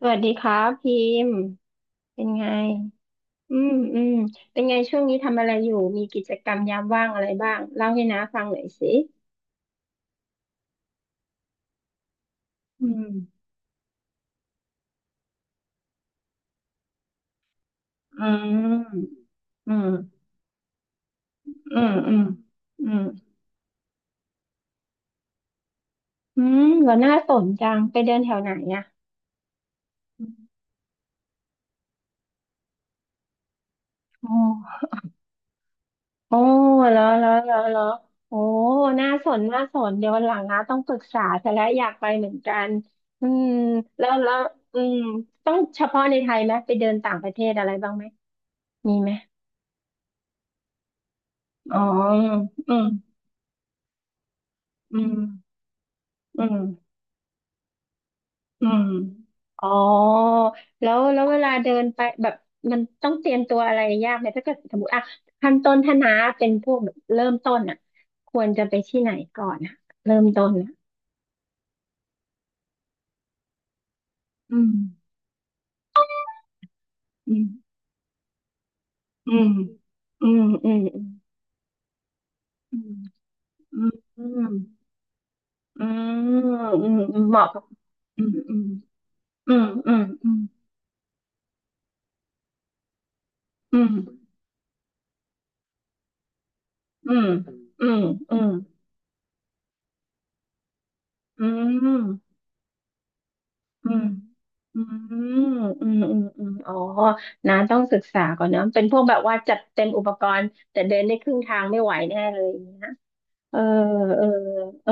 สวัสดีครับพิมพ์เป็นไงอืมอืมเป็นไงช่วงนี้ทำอะไรอยู่มีกิจกรรมยามว่างอะไรบ้างเล่าให้น้าฟังหน่อยสิอืมอืมอืมอืมอืมอืมอืมก็น่าสนจังไปเดินแถวไหนอ่ะอืมโอ้โอ้เหรอเหรอเหรอเหรอโอ้น่าสนน่าสนเดี๋ยววันหลังนะต้องปรึกษาแต่และอยากไปเหมือนกันอืมแล้วอืมต้องเฉพาะในไทยไหมไปเดินต่างประเทศอะไรบ้างไหม มีไหม อ๋ออืมอืมอืมอืมอ๋อแล้วเวลาเดินไปแบบมันต้องเตรียมตัวอะไรยากไหมถ้าเกิดสมมติอ่ะขั้นต้นถ้าน้าเป็นพวกแบบเริ่มต้นอ่ะควรจะไปที่ไหนก่อนอ่ะเริ่มต้นอ่ะอืมอืมอืมอืมอืมอืมอืมอืมอืมอืมเหมาะกับอืมอืมอืมอืมอืมอืมอืมอืมอืมอืม อืมอืมอืมอืมอืมอ๋อน้าต้องศึกษาก่อนนะเป็นพวกแบบว่าจัดเต็มอุปกรณ์แต่เดินได้ครึ่งทางไม่ไหวแน่เลยอย่างเงี้ยเออเออเออ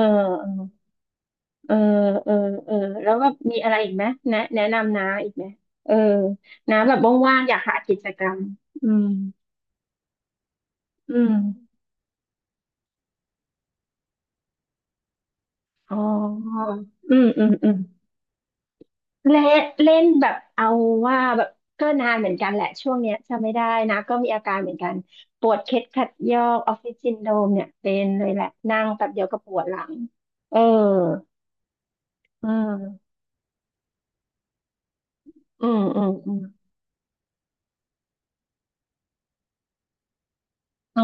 เออเออเออเออ แล้วแบบมีอะไรอีกไหมแนะนำน้าอีกไหม เออน้าแบบว่างๆอยากหากิจกรรม อืมอืมอ๋ออืมอืมอืม เล่นเล่นแบบเอาว่าแบบก็นานเหมือนกันแหละช่วงเนี้ยจำไม่ได้นะก็มีอาการเหมือนกันปวดเคล็ดขัดยอกออฟฟิศซินโดรมเนี่ยเป็นเลยแหละนั่งแป๊บเดียวก็ปวดหลังเอออืมอืมอืมอืมอื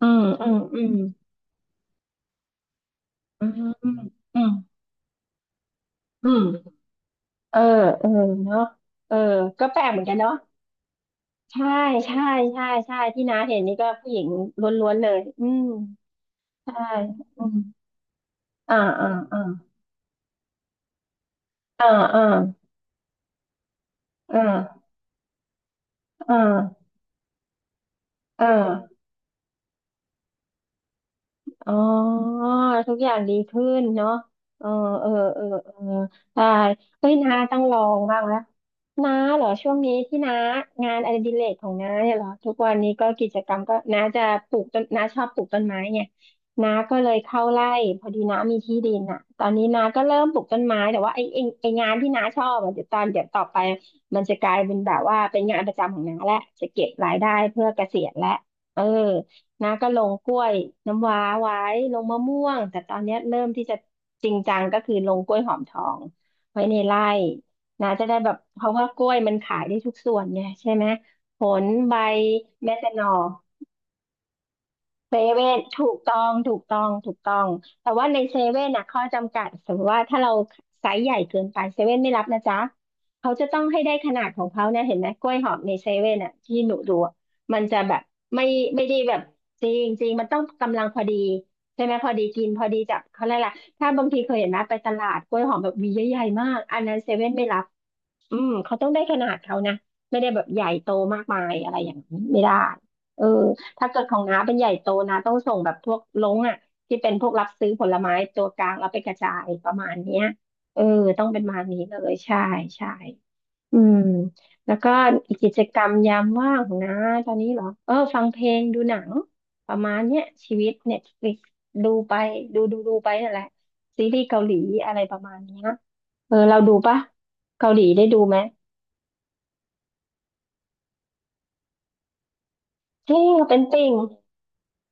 มอืมอืมอืมอืมอืมอืมอืมเออเออเนาะเออก็แปลกเหมือนกันเนาะใช่ใช่ใช่ใช่ที่น้าเห็นนี่ก็ผู้หญิงล้วนๆเลยอืมใช่อืมอ่าอ่าอ่าอ่าอ่า เออเออเอออ๋อทุกอย่างดีขึ้นเนาะเออเออเออเออได้เฮ้ยน้าต้องลองบ้างแล้วน้าเหรอช่วงนี้ที่น้างานอดิเรกของน้าเนี่ยเหรอทุกวันนี้ก็กิจกรรมก็น้าจะปลูกต้นน้าชอบปลูกต้นไม้ไงน้าก็เลยเข้าไร่พอดีน้ามีที่ดินอ่ะตอนนี้น้าก็เริ่มปลูกต้นไม้แต่ว่าไอ้งานที่น้าชอบอะเดี๋ยวตอนเดี๋ยวต่อไปมันจะกลายเป็นแบบว่าเป็นงานประจำของน้าแหละจะเก็บรายได้เพื่อเกษียณและเออ นะก็ลงกล้วยน้ำว้าไว้ลงมะม่วงแต่ตอนเนี้ยเริ่มที่จะจริงจังก็คือลงกล้วยหอมทองไว้ในไร่นะจะได้แบบเพราะว่ากล้วยมันขายได้ทุกส่วนไงใช่ไหมผลใบแม้แต่หน่อ เซเว่นถูกต้องถูกต้องถูกต้องแต่ว่าในเซเว่นนะข้อจำกัดสมมติว่าถ้าเราไซส์ใหญ่เกินไปเซเว่นไม่รับนะจ๊ะเขาจะต้องให้ได้ขนาดของเขาเนี่ยเห็นไหมกล้วยหอมในเซเว่นอ่ะที่หนูดูอะมันจะแบบไม่ไม่ได้แบบจริงจริงมันต้องกำลังพอดีใช่ไหมพอดีกินพอดีจับเขาเรียกอะไรล่ะถ้าบางทีเคยเห็นนะไปตลาดกล้วยหอมแบบหวีใหญ่ๆมากอันนั้นเซเว่นไม่รับอืมเขาต้องได้ขนาดเขานะไม่ได้แบบใหญ่โตมากมายอะไรอย่างนี้ไม่ได้เออ ถ้าเกิดของน้าเป็นใหญ่โตนะต้องส่งแบบพวกลงอ่ะที่เป็นพวกรับซื้อผลไม้ตัวกลางแล้วไปกระจายประมาณเนี้ยเออต้องเป็นประมาณนี้เลยใช่ใช่อืมแล้วก็อีกกิจกรรมยามว่างของน้าตอนนี้เหรอเออฟังเพลงดูหนังประมาณเนี้ยชีวิตเน็ตฟลิกดูไปดูไปนั่นแหละซีรีส์เกาหลีอะไรประมาณเนี้ยเออเราดูปะเกาหลีได้ดูไหมเฮ้เป็นติ่ง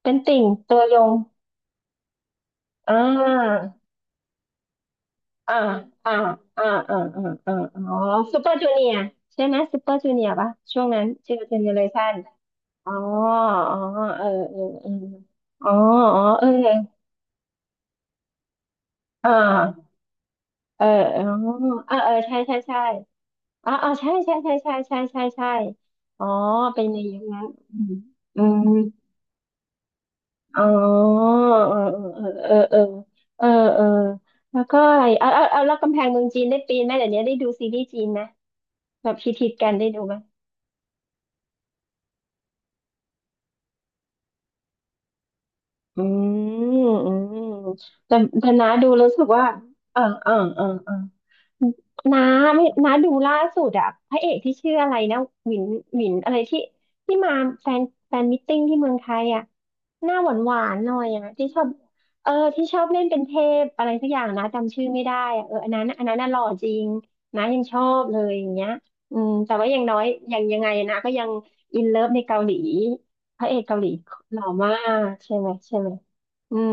เป็นติ่งตัวยงอ่า อ่าอ่าอ่าอ่าอ่าอ่าอ๋อซูเปอร์จูเนียใช่ไหมซูเปอร์จูเนียป่ะช่วงนั้นชื่อเจเนอเรชันอ๋ออ๋อเออเออเอออ๋ออ๋อเอออ่าเอออ๋อเออเออใช่ใช่ใช่อ๋ออ๋อใช่ใช่ใช่ใช่ใช่ใช่ใช่อ๋อเป็นในยุคนั้นอืมอืมอ๋อเออเออเออเออเออแล้วก็อะไรเอาแล้วกำแพงเมืองจีนได้ปีนไหมเดี๋ยวนี้ได้ดูซีรีส์จีนนะแบบฮิตๆกันได้ดูไหม อืมอืมแต่แต่นะดูรู้สึกว่าเออเออเออเออ น้าไม่น้าดูล่าสุดอะพระเอกที่ชื่ออะไรนะหวินหวินอะไรที่ที่แฟนแฟนมิทติ้งที่เมืองไทยอะหน้าหวานหวานหน่อยอะที่ชอบเออที่ชอบเล่นเป็นเทพอะไรสักอย่างนะจำชื่อไม่ได้อะเอออันนั้นน่ะหล่อจริงนะยังชอบเลยอย่างเงี้ยอืมแต่ว่าอย่างน้อยอย่างยังไงนะก็ยังอินเลิฟในเกาหลีพระเอกเกาหลีหล่อมากใช่ไหมอืม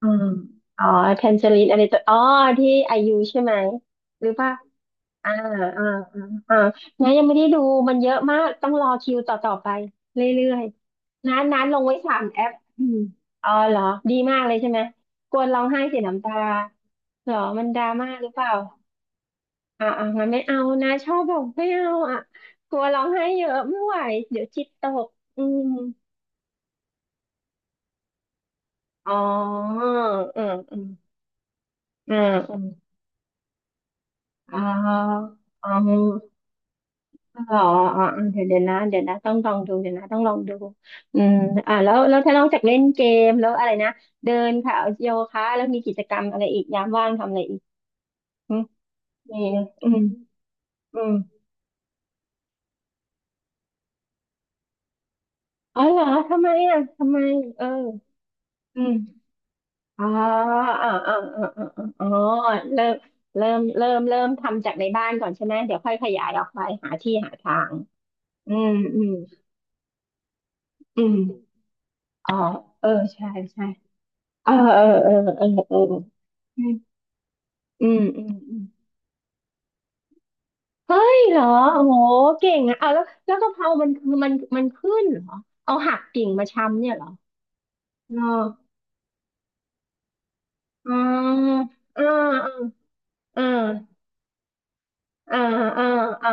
อืมอ๋อแทนเจอรินอะไรตัวอ๋อที่ไอยูใช่ไหมหรือว่าอ่าอ่าอ่าอ่างั้นยังไม่ได้ดูมันเยอะมากต้องรอคิวต่อไปเรื่อยๆนั้านนั้านลงไว้สามแอปอืมอ๋อเหรอดีมากเลยใช่ไหมกวนร้องไห้เสียน้ำตาเหรอมันดราม่าหรือเปล่าอ่าอ่างั้นไม่เอานะชอบแบบไม่เอาอ่ะกลัวร้องไห้เยอะไม่ไหวเดี๋ยวจิตตกอืมอ๋ออืมอืมอืม อ๋ออ๋อเหรออ๋อเดี๋ยวเดี๋ยวนะเดี๋ยวนะต้องลองดูเดี๋ยวนะต้องลองดูอืมอ่าแล้วแล้วถ้านอกจากเล่นเกมแล้วอะไรนะเดินค่ะโยคะแล้วมีกิจกรรมอะไรอีกยามว่างทำอะไรอีกอืมมีอืมอืมอ๋อเหรอทำไมอ่ะทำไมเอออืมอ๋ออ๋ออ๋ออ๋ออ๋ออ๋อเริ่มเริ่มทำจากในบ้านก่อนใช่ไหมเดี๋ยวค่อยขยายออกไปหาที่หาทางอืมอืมอืมอ๋อเออใช่ใช่ เออเออเออเออเออใช่อืมอืมอืมเฮ้ยเหรอโอ้โหเก่งอ่ะเอาแล้วแล้วกะเพรามันคือมันขึ้นเหรอ เอาหักกิ่งมาชำเนี่ยเหรอเออเออเออเออเออเออเออ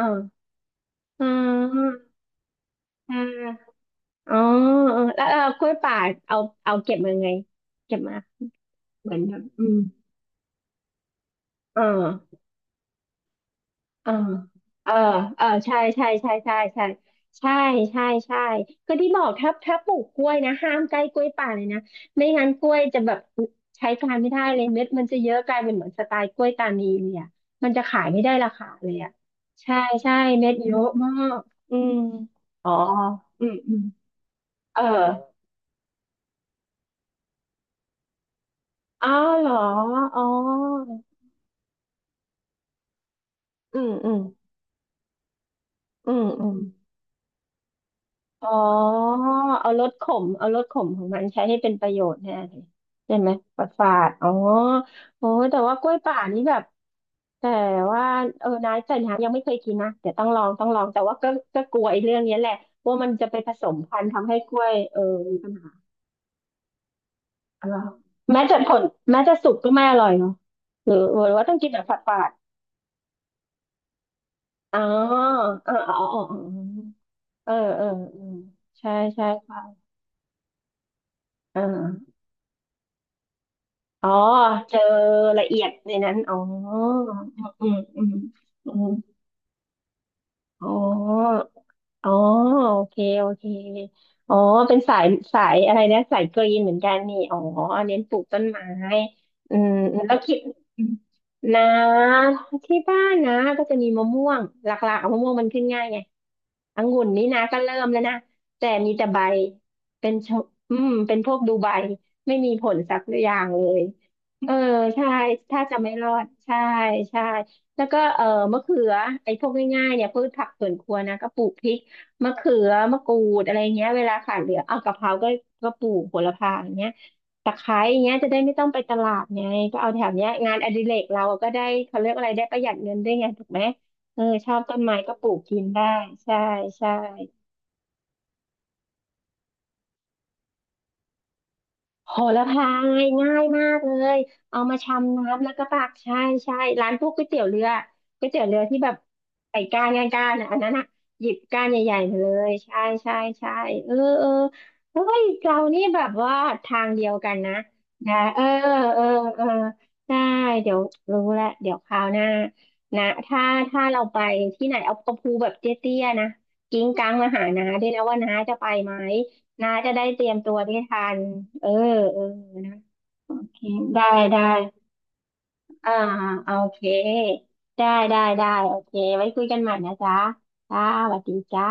เออเอออ๋อแล้วคุกล้วยป่าเอาเอาเก็บมาไงเก็บมาเหมือนแบบอืมเออ เอ่าเออเออใช่ใช่ใช่ใช่ใช่ใช่ใช่ใช่ก็ที่บอกถ้าปลูกกล้วยนะห้ามใกล้กล้วยป่าเลยนะไม่งั้นกล้วยจะแบบใช้การไม่ได้เลยเม็ดมันจะเยอะกลายเป็นเหมือนสไตล์กล้วยตานีเลยอ่ะมันจะขายไม่ได้ราคาเลยอ่ะใช่ใช่เม็ดเยอะมากอืมอ๋ออืมอืมเอออาวเหรออ๋ออืมอืมอืมอืม อ๋อเอารสขมของมันใช้ให้เป็นประโยชน์แน่เลยใช่ไหมประสาทอ๋อโอ้ยแต่ว่ากล้วยป่านี่แบบแต่ว่าเออนะแต่นะยังไม่เคยกินนะเดี๋ยวต้องลองแต่ว่าก็ก็กลัวไอ้เรื่องเนี้ยแหละว่ามันจะไปผสมพันธุ์ทำให้กล้วยเออมีปัญหาอะไรอแม้จะผลแม้จะสุกก็ไม่อร่อยเนาะหรือหรือว่าต้องกินแบบฝาดๆอ๋ออ๋ออ๋ออ๋ออ๋อเออเออเออใช่ใช่ค่ะอ่า อ๋อเจอละเอียดในนั้นอ๋ออืมอืมอืมอมอ๋อ อ๋อโอเคโอเคอ๋อเป็นสายสายอะไรนะสายกรีนเหมือนกันนี่อ๋อเน้นปลูกต้นไม้อืมแล้วคิดนะที่บ้านนะก็จะมีมะม่วงหลักๆเอามะม่วงมันขึ้นง่ายไงองุ่นนี่นะก็เริ่มแล้วนะแต่มีแต่ใบเป็นชมอืมเป็นพวกดูใบไม่มีผลสักอย่างเลยเออใช่ถ้าจะไม่รอดใช่ใช่แล้วก็เออมะเขือไอ้พวกง่ายๆเนี่ยพืชผักสวนครัวนะก็ปลูกพริก มะเขือมะกรูดอะไรเงี้ยเวลาขาดเหลือเอากะเพราก็ก็ปลูกโหระพาอย่างเงี้ยตะไคร้อย่างเงี้ยจะได้ไม่ต้องไปตลาดไงก็เอาแถวเนี้ยงานอดิเรกเราก็ได้เขาเรียกอะไรได้ประหยัดเงินด้วยไงถูกไหมเออชอบต้นไม้ก็ปลูกกินได้ใช่ใช่ โหระพายง่ายมากเลยเอามาชำน้ำแล้วก็ปักใช่ใช่ร้านพวกก๋วยเตี๋ยวเรือก๋วยเตี๋ยวเรือที่แบบใส่ก้านก้านๆนะอันนั้นอ่ะหยิบก้านใหญ่ๆมาเลยใช่ใช่ใช่เออเออเฮ้ยเรานี่แบบว่าทางเดียวกันนะนะเออเออเออได้เดี๋ยวรู้ละเดี๋ยวคราวหน้านะถ้าเราไปที่ไหนเอากระพูแบบเตี้ยๆนะกิ้งกังมาหาน้าด้วยนะว่าน้าจะไปไหม น้าจะได้เตรียมตัวได้ทันเออเออนะโอเคได้ได้อ่าโอเคได้ได้ได้โอเคไว้คุยกันใหม่นะจ๊ะจ้าสวัสดีจ้า